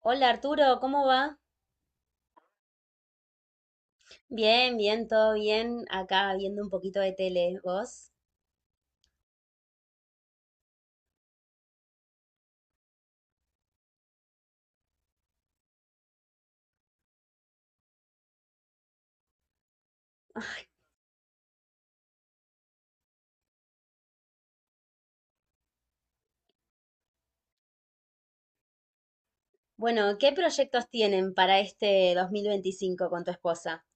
Hola Arturo, ¿cómo va? Bien, bien, todo bien. Acá viendo un poquito de tele, ¿vos? Bueno, ¿qué proyectos tienen para este 2025 con tu esposa?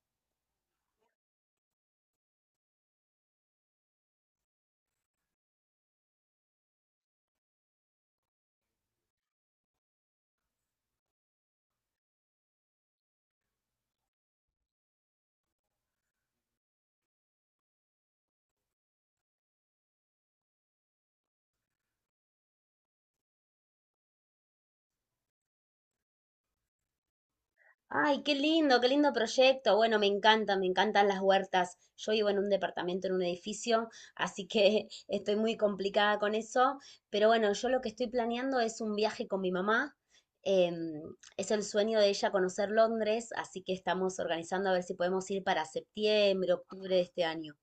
Ay, qué lindo proyecto. Bueno, me encanta, me encantan las huertas. Yo vivo en un departamento, en un edificio, así que estoy muy complicada con eso. Pero bueno, yo lo que estoy planeando es un viaje con mi mamá. Em, es el sueño de ella conocer Londres, así que estamos organizando a ver si podemos ir para septiembre, octubre de este año.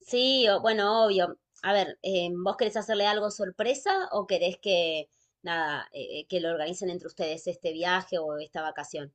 Sí, bueno, obvio. A ver, ¿vos querés hacerle algo sorpresa o querés que, nada, que lo organicen entre ustedes este viaje o esta vacación?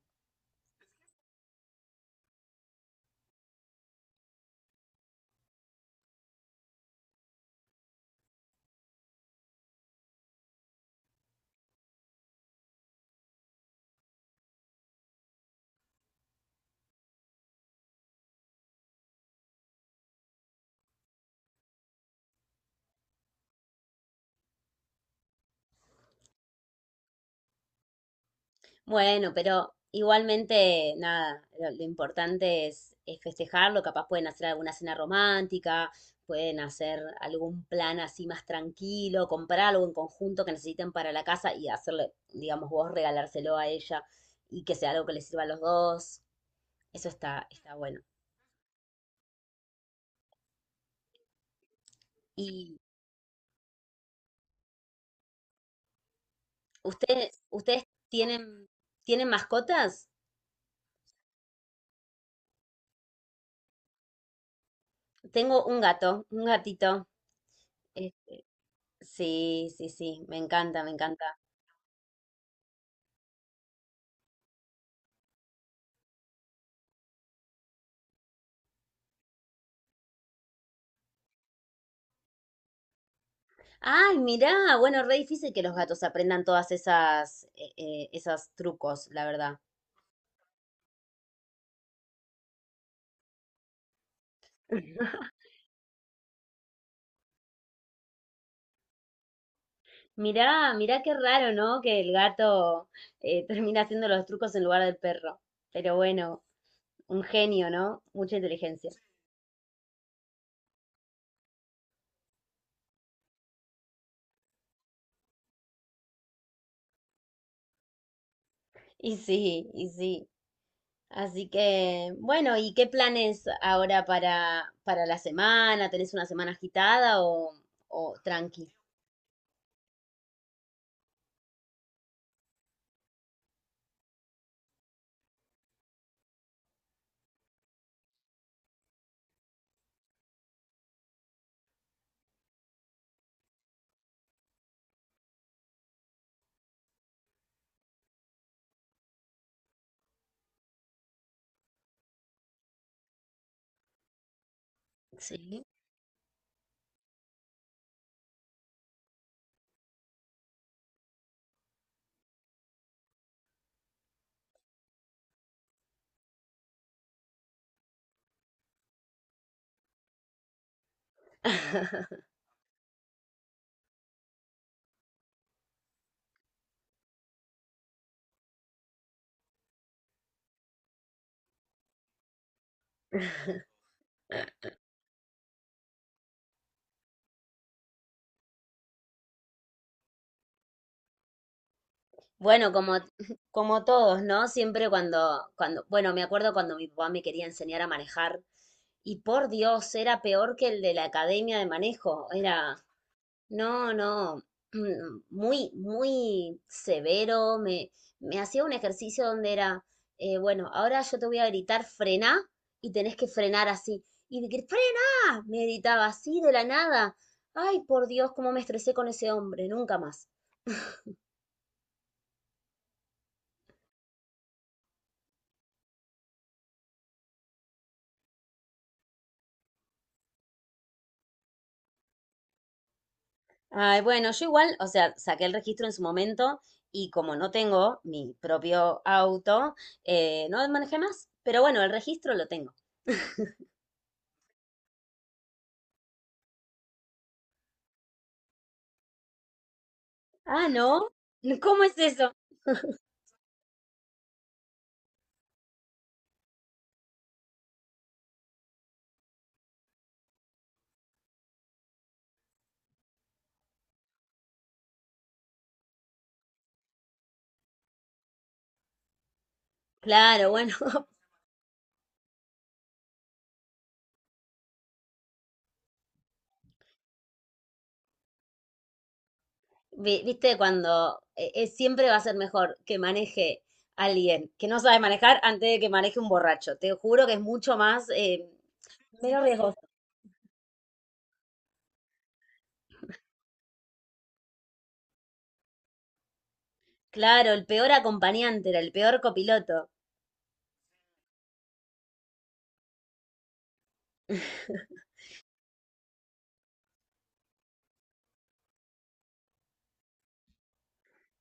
Bueno, pero igualmente, nada, lo importante es festejarlo. Capaz pueden hacer alguna cena romántica, pueden hacer algún plan así más tranquilo, comprar algo en conjunto que necesiten para la casa y hacerle, digamos, vos regalárselo a ella y que sea algo que les sirva a los dos. Eso está, está bueno. ¿ ustedes tienen, tienen mascotas? Tengo un gato, un gatito. Eh, sí, sí, sí, me encanta, me encanta. Ay, mirá, bueno, re difícil que los gatos aprendan todas esas, esas trucos, la verdad. Mirá, mirá qué raro, ¿no? Que el gato termina haciendo los trucos en lugar del perro. Pero bueno, un genio, ¿no? Mucha inteligencia. Y sí, y sí. Así que, bueno, ¿y qué planes ahora para la semana? ¿Tenés una semana agitada o tranqui? Sí. Bueno, como, como todos, ¿no? Siempre cuando, cuando, bueno, me acuerdo cuando mi papá me quería enseñar a manejar y por Dios, era peor que el de la academia de manejo, era. No, no, muy, muy severo. Me hacía un ejercicio donde era, bueno, ahora yo te voy a gritar frená y tenés que frenar así. Y de que frená, me gritaba así de la nada. Ay, por Dios, cómo me estresé con ese hombre, nunca más. Ay, bueno, yo igual, o sea, saqué el registro en su momento y como no tengo mi propio auto, no manejé más. Pero bueno, el registro lo tengo. Ah, ¿no? ¿Cómo es eso? Claro, bueno, viste, cuando siempre va a ser mejor que maneje alguien que no sabe manejar antes de que maneje un borracho. Te juro que es mucho más, menos riesgoso. Claro, el peor acompañante era el peor copiloto.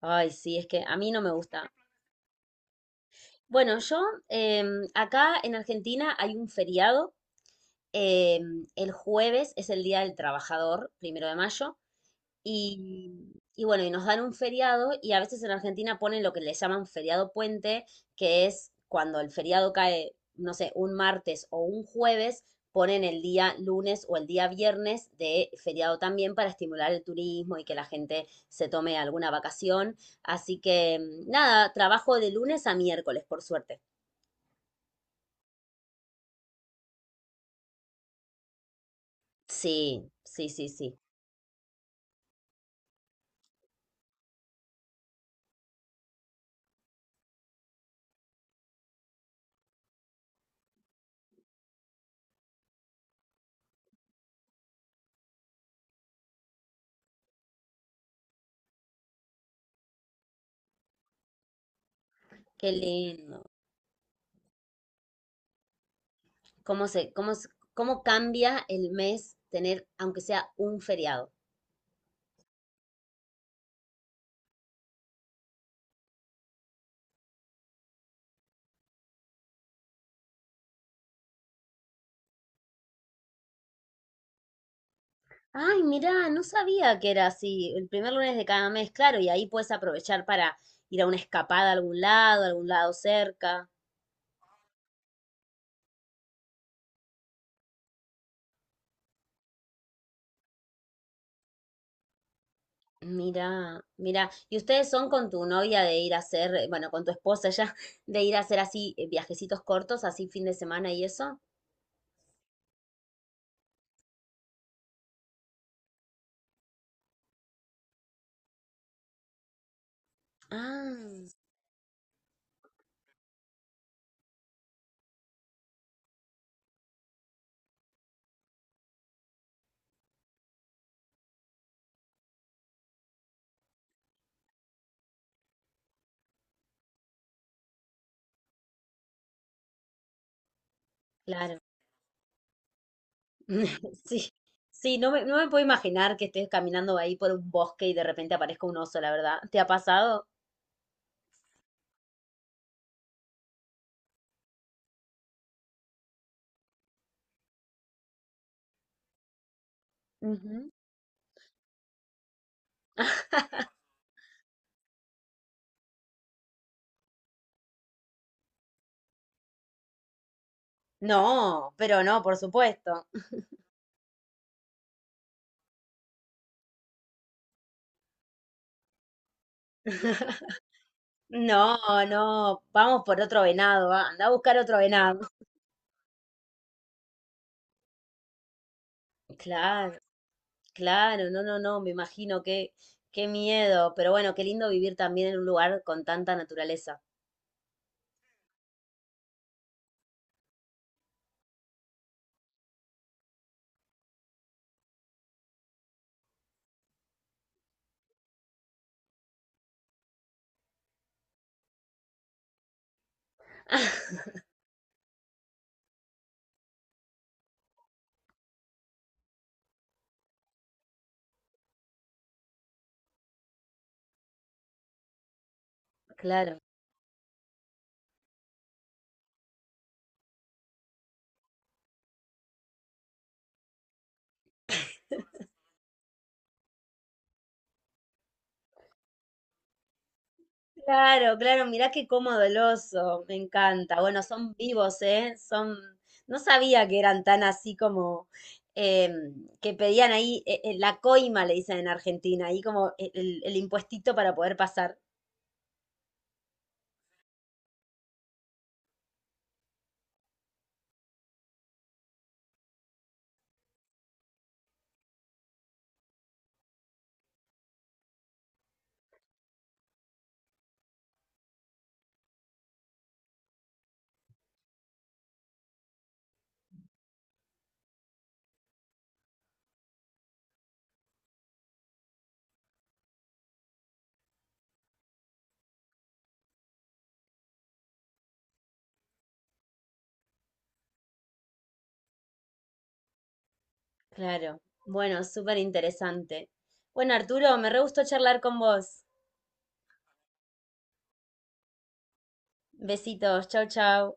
Ay, sí, es que a mí no me gusta. Bueno, yo acá en Argentina hay un feriado. Em, el jueves es el Día del Trabajador, primero de mayo. Y bueno, y nos dan un feriado y a veces en Argentina ponen lo que le llaman feriado puente, que es cuando el feriado cae, no sé, un martes o un jueves, ponen el día lunes o el día viernes de feriado también para estimular el turismo y que la gente se tome alguna vacación. Así que nada, trabajo de lunes a miércoles, por suerte. Sí, sí, sí, sí. Qué lindo. ¿Cómo se, cómo, cómo cambia el mes tener, aunque sea un feriado? Ay, mirá, no sabía que era así. El primer lunes de cada mes, claro, y ahí puedes aprovechar para ir a una escapada a algún lado cerca. Mira, mira, ¿y ustedes son con tu novia de ir a hacer, bueno, con tu esposa ya, de ir a hacer así viajecitos cortos, así fin de semana y eso? Ah, claro. Sí, sí, no me, no me puedo imaginar que estés caminando ahí por un bosque y de repente aparezca un oso, la verdad. ¿Te ha pasado? Ujú. No, pero no, por supuesto. No, no, vamos por otro venado, va, anda a buscar otro venado. Claro, claro, no, no, no, me imagino qué, qué miedo, pero bueno, qué lindo vivir también en un lugar con tanta naturaleza. Claro, claro, claro, mirá qué cómodo el oso, me encanta. Bueno, son vivos, ¿eh? Son, no sabía que eran tan así como eh, que pedían ahí la coima, le dicen en Argentina, ahí como el impuestito para poder pasar. Claro. Bueno, súper interesante. Bueno, Arturo, me re gustó charlar con vos. Besitos, chau, chau.